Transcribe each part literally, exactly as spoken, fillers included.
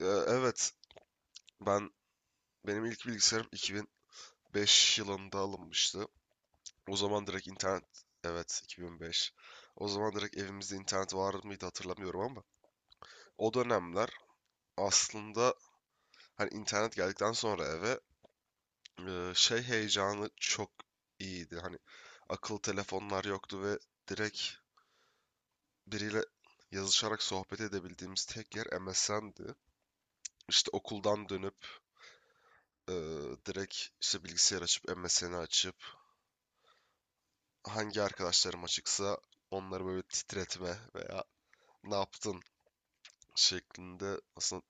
Ee, evet, ben benim ilk bilgisayarım iki bin beş yılında alınmıştı. O zaman direkt internet, evet, iki bin beş. O zaman direkt evimizde internet var mıydı hatırlamıyorum, ama o dönemler aslında hani internet geldikten sonra eve e, şey heyecanı çok iyiydi. Hani akıllı telefonlar yoktu ve direkt biriyle yazışarak sohbet edebildiğimiz tek yer M S N'di. İşte okuldan dönüp e, direkt işte bilgisayar açıp M S N'i açıp hangi arkadaşlarım açıksa onları böyle titretme veya ne yaptın şeklinde aslında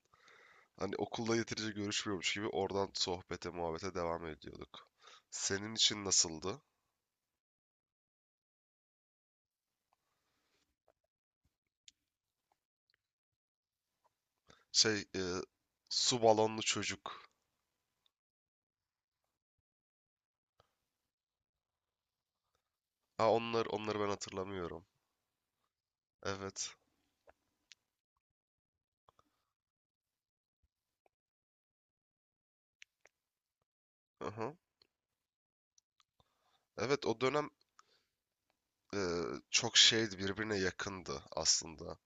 hani okulda yeterince görüşmüyormuş gibi oradan sohbete muhabbete devam ediyorduk. Senin için nasıldı? Şey e, su balonlu çocuk. Ha onlar onları ben hatırlamıyorum. Evet. Aha. Evet, o dönem e, çok şeydi, birbirine yakındı aslında.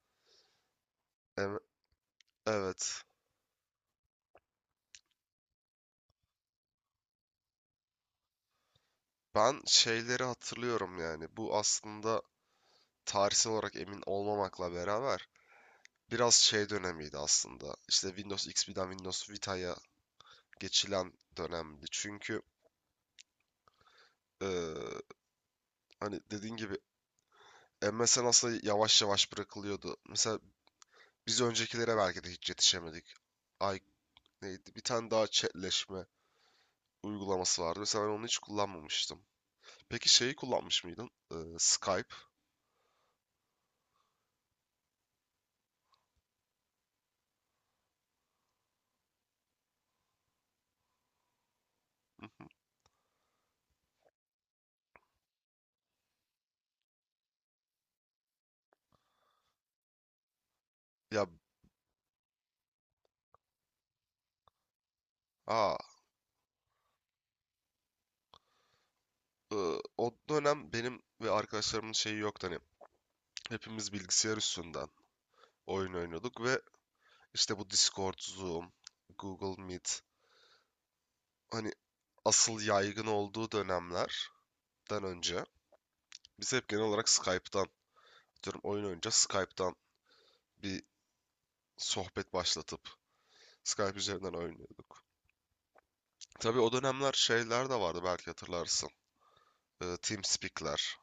Evet. Evet. Ben şeyleri hatırlıyorum yani. Bu aslında tarihsel olarak emin olmamakla beraber biraz şey dönemiydi aslında. İşte Windows X P'den Windows Vita'ya geçilen dönemdi. Çünkü eee, hani dediğin gibi M S N aslında yavaş yavaş bırakılıyordu. Mesela biz öncekilere belki de hiç yetişemedik. Ay, neydi? Bir tane daha chatleşme uygulaması vardı. Mesela ben onu hiç kullanmamıştım. Peki şeyi kullanmış mıydın? Eee, Skype. Ya, aa, eee, o dönem benim ve arkadaşlarımın şeyi yoktu hani. Hepimiz bilgisayar üstünden oyun oynuyorduk ve İşte bu Discord, Zoom, Google Meet, hani asıl yaygın olduğu dönemlerden önce biz hep genel olarak Skype'dan, diyorum oyun oynayınca, Skype'dan bir sohbet başlatıp Skype üzerinden oynuyorduk. Tabii o dönemler şeyler de vardı, belki hatırlarsın. Ee, TeamSpeak'ler.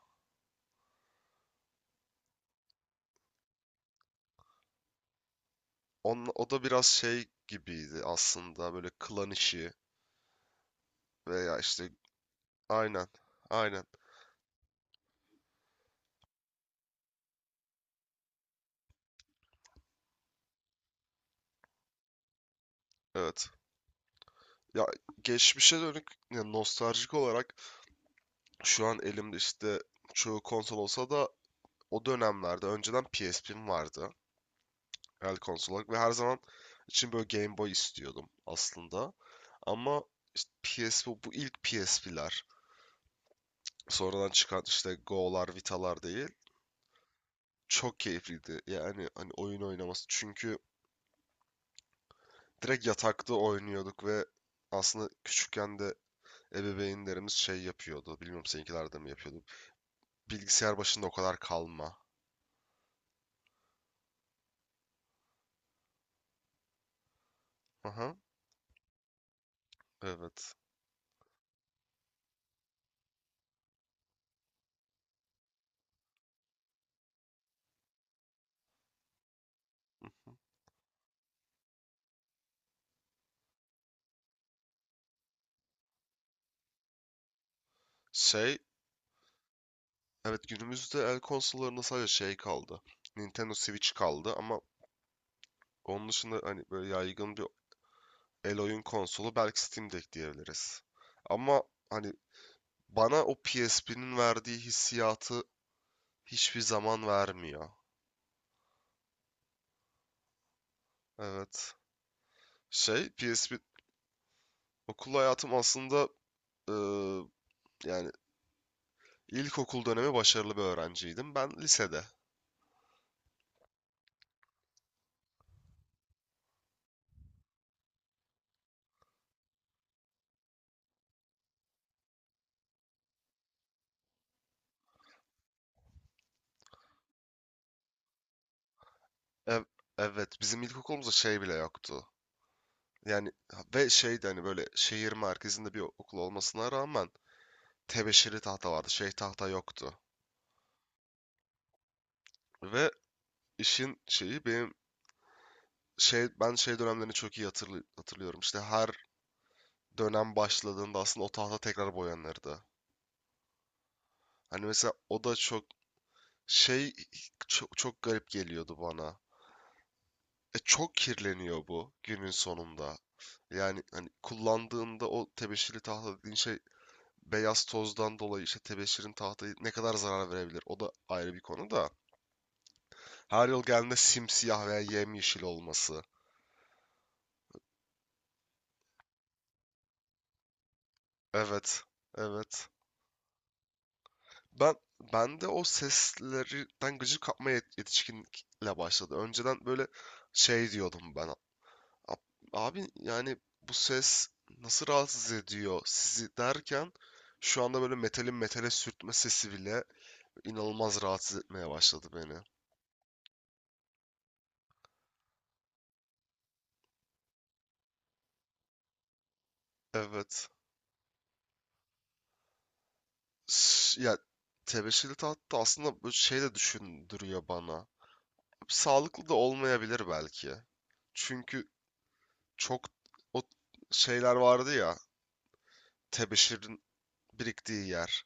On, o da biraz şey gibiydi aslında, böyle klan işi veya işte aynen, aynen, evet. Ya, geçmişe dönük ya nostaljik olarak, şu an elimde işte çoğu konsol olsa da o dönemlerde önceden P S P'm vardı. El konsol olarak, ve her zaman için böyle Game Boy istiyordum aslında. Ama işte P S P, bu ilk P S P'ler, sonradan çıkan işte Go'lar, Vita'lar değil. Çok keyifliydi. Yani hani oyun oynaması. Çünkü direkt yatakta oynuyorduk ve aslında küçükken de ebeveynlerimiz şey yapıyordu. Bilmiyorum, seninkiler de mi yapıyordu? Bilgisayar başında o kadar kalma. Aha, evet. Şey, evet, günümüzde el konsollarında sadece şey kaldı. Nintendo Switch kaldı, ama onun dışında hani böyle yaygın bir el oyun konsolu belki Steam Deck diyebiliriz. Ama hani bana o P S P'nin verdiği hissiyatı hiçbir zaman vermiyor. Evet. Şey, P S P, okul hayatım aslında eee, yani ilkokul dönemi başarılı bir öğrenciydim. Ben lisede. Ev- evet, bizim ilkokulumuzda şey bile yoktu. Yani ha- ve şeydi, hani böyle şehir merkezinde bir okul olmasına rağmen tebeşirli tahta vardı. Şey tahta yoktu. Ve işin şeyi, benim şey, ben şey dönemlerini çok iyi hatırlı- hatırlıyorum. İşte her dönem başladığında aslında o tahta tekrar boyanırdı. Hani mesela o da çok şey, çok, çok garip geliyordu bana. E çok kirleniyor bu günün sonunda. Yani hani kullandığında o tebeşirli tahta dediğin şey, beyaz tozdan dolayı işte tebeşirin tahtayı ne kadar zarar verebilir? O da ayrı bir konu da. Her yıl geldiğinde simsiyah veya yemyeşil olması. Evet. Evet. Ben ben de o seslerden gıcık kapma yet- yetişkinlikle başladı. Önceden böyle şey diyordum ben. "A- Abi yani bu ses nasıl rahatsız ediyor sizi?" derken, şu anda böyle metalin metale sürtme sesi bile inanılmaz rahatsız etmeye başladı beni. Evet. S- Ya, tebeşirli tahta aslında bu şey de düşündürüyor bana. Sağlıklı da olmayabilir belki. Çünkü çok o şeyler vardı ya, tebeşirin biriktiği yer.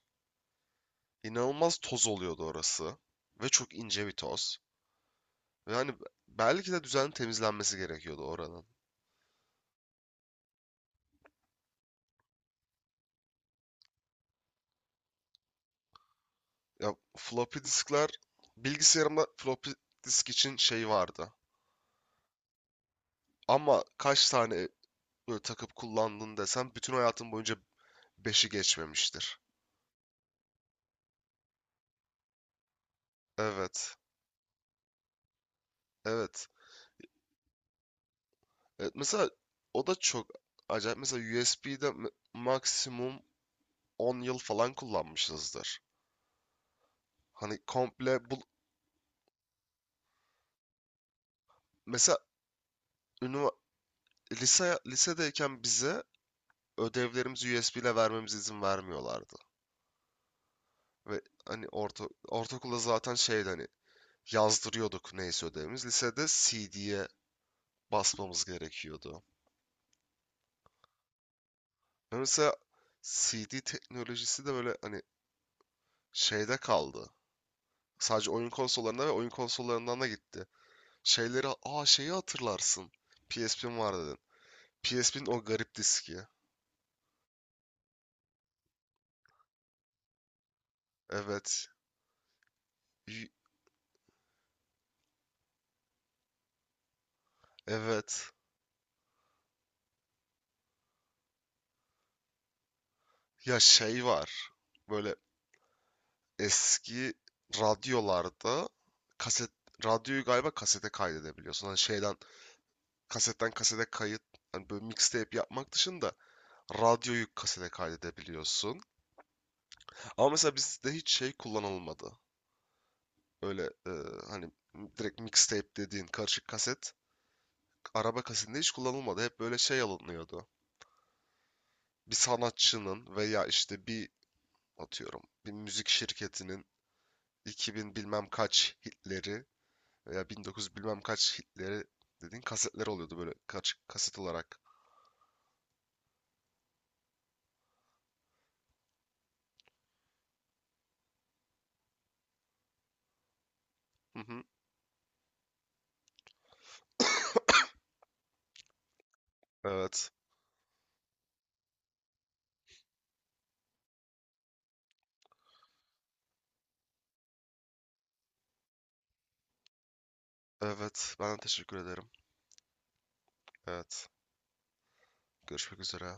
İnanılmaz toz oluyordu orası. Ve çok ince bir toz. Ve hani belki de düzenli temizlenmesi gerekiyordu oranın. Ya, floppy diskler, bilgisayarımda floppy disk için şey vardı. Ama kaç tane böyle takıp kullandın desem, bütün hayatım boyunca beşi geçmemiştir. Evet. Evet. Evet. Mesela o da çok acayip. Mesela U S B'de maksimum on yıl falan kullanmışızdır. Hani komple bu, mesela, ünivers lise lisedeyken bize ödevlerimizi U S B ile vermemize izin vermiyorlardı. Ve hani orta ortaokulda zaten şeydi, hani yazdırıyorduk neyse ödevimiz. Lisede C D'ye basmamız gerekiyordu. Ve mesela C D teknolojisi de böyle hani şeyde kaldı. Sadece oyun konsollarına, ve oyun konsollarından da gitti. Şeyleri, aa şeyi hatırlarsın. P S P'm var dedin. P S P'nin o garip diski. Evet. Y- Evet. Ya, şey var. Böyle eski radyolarda kaset, radyoyu galiba kasete kaydedebiliyorsun. Hani şeyden, kasetten kasete kayıt, hani böyle mixtape yapmak dışında radyoyu kasete kaydedebiliyorsun. Ama mesela bizde hiç şey kullanılmadı. Öyle e, hani direkt mixtape dediğin karışık kaset araba kasinde hiç kullanılmadı. Hep böyle şey alınıyordu. Bir sanatçının veya işte bir, atıyorum, bir müzik şirketinin iki bin bilmem kaç hitleri veya bin dokuz yüz bilmem kaç hitleri dediğin kasetler oluyordu, böyle kaç kaset olarak. Hı hı. Evet. Evet. Ben de teşekkür ederim. Evet. Görüşmek üzere.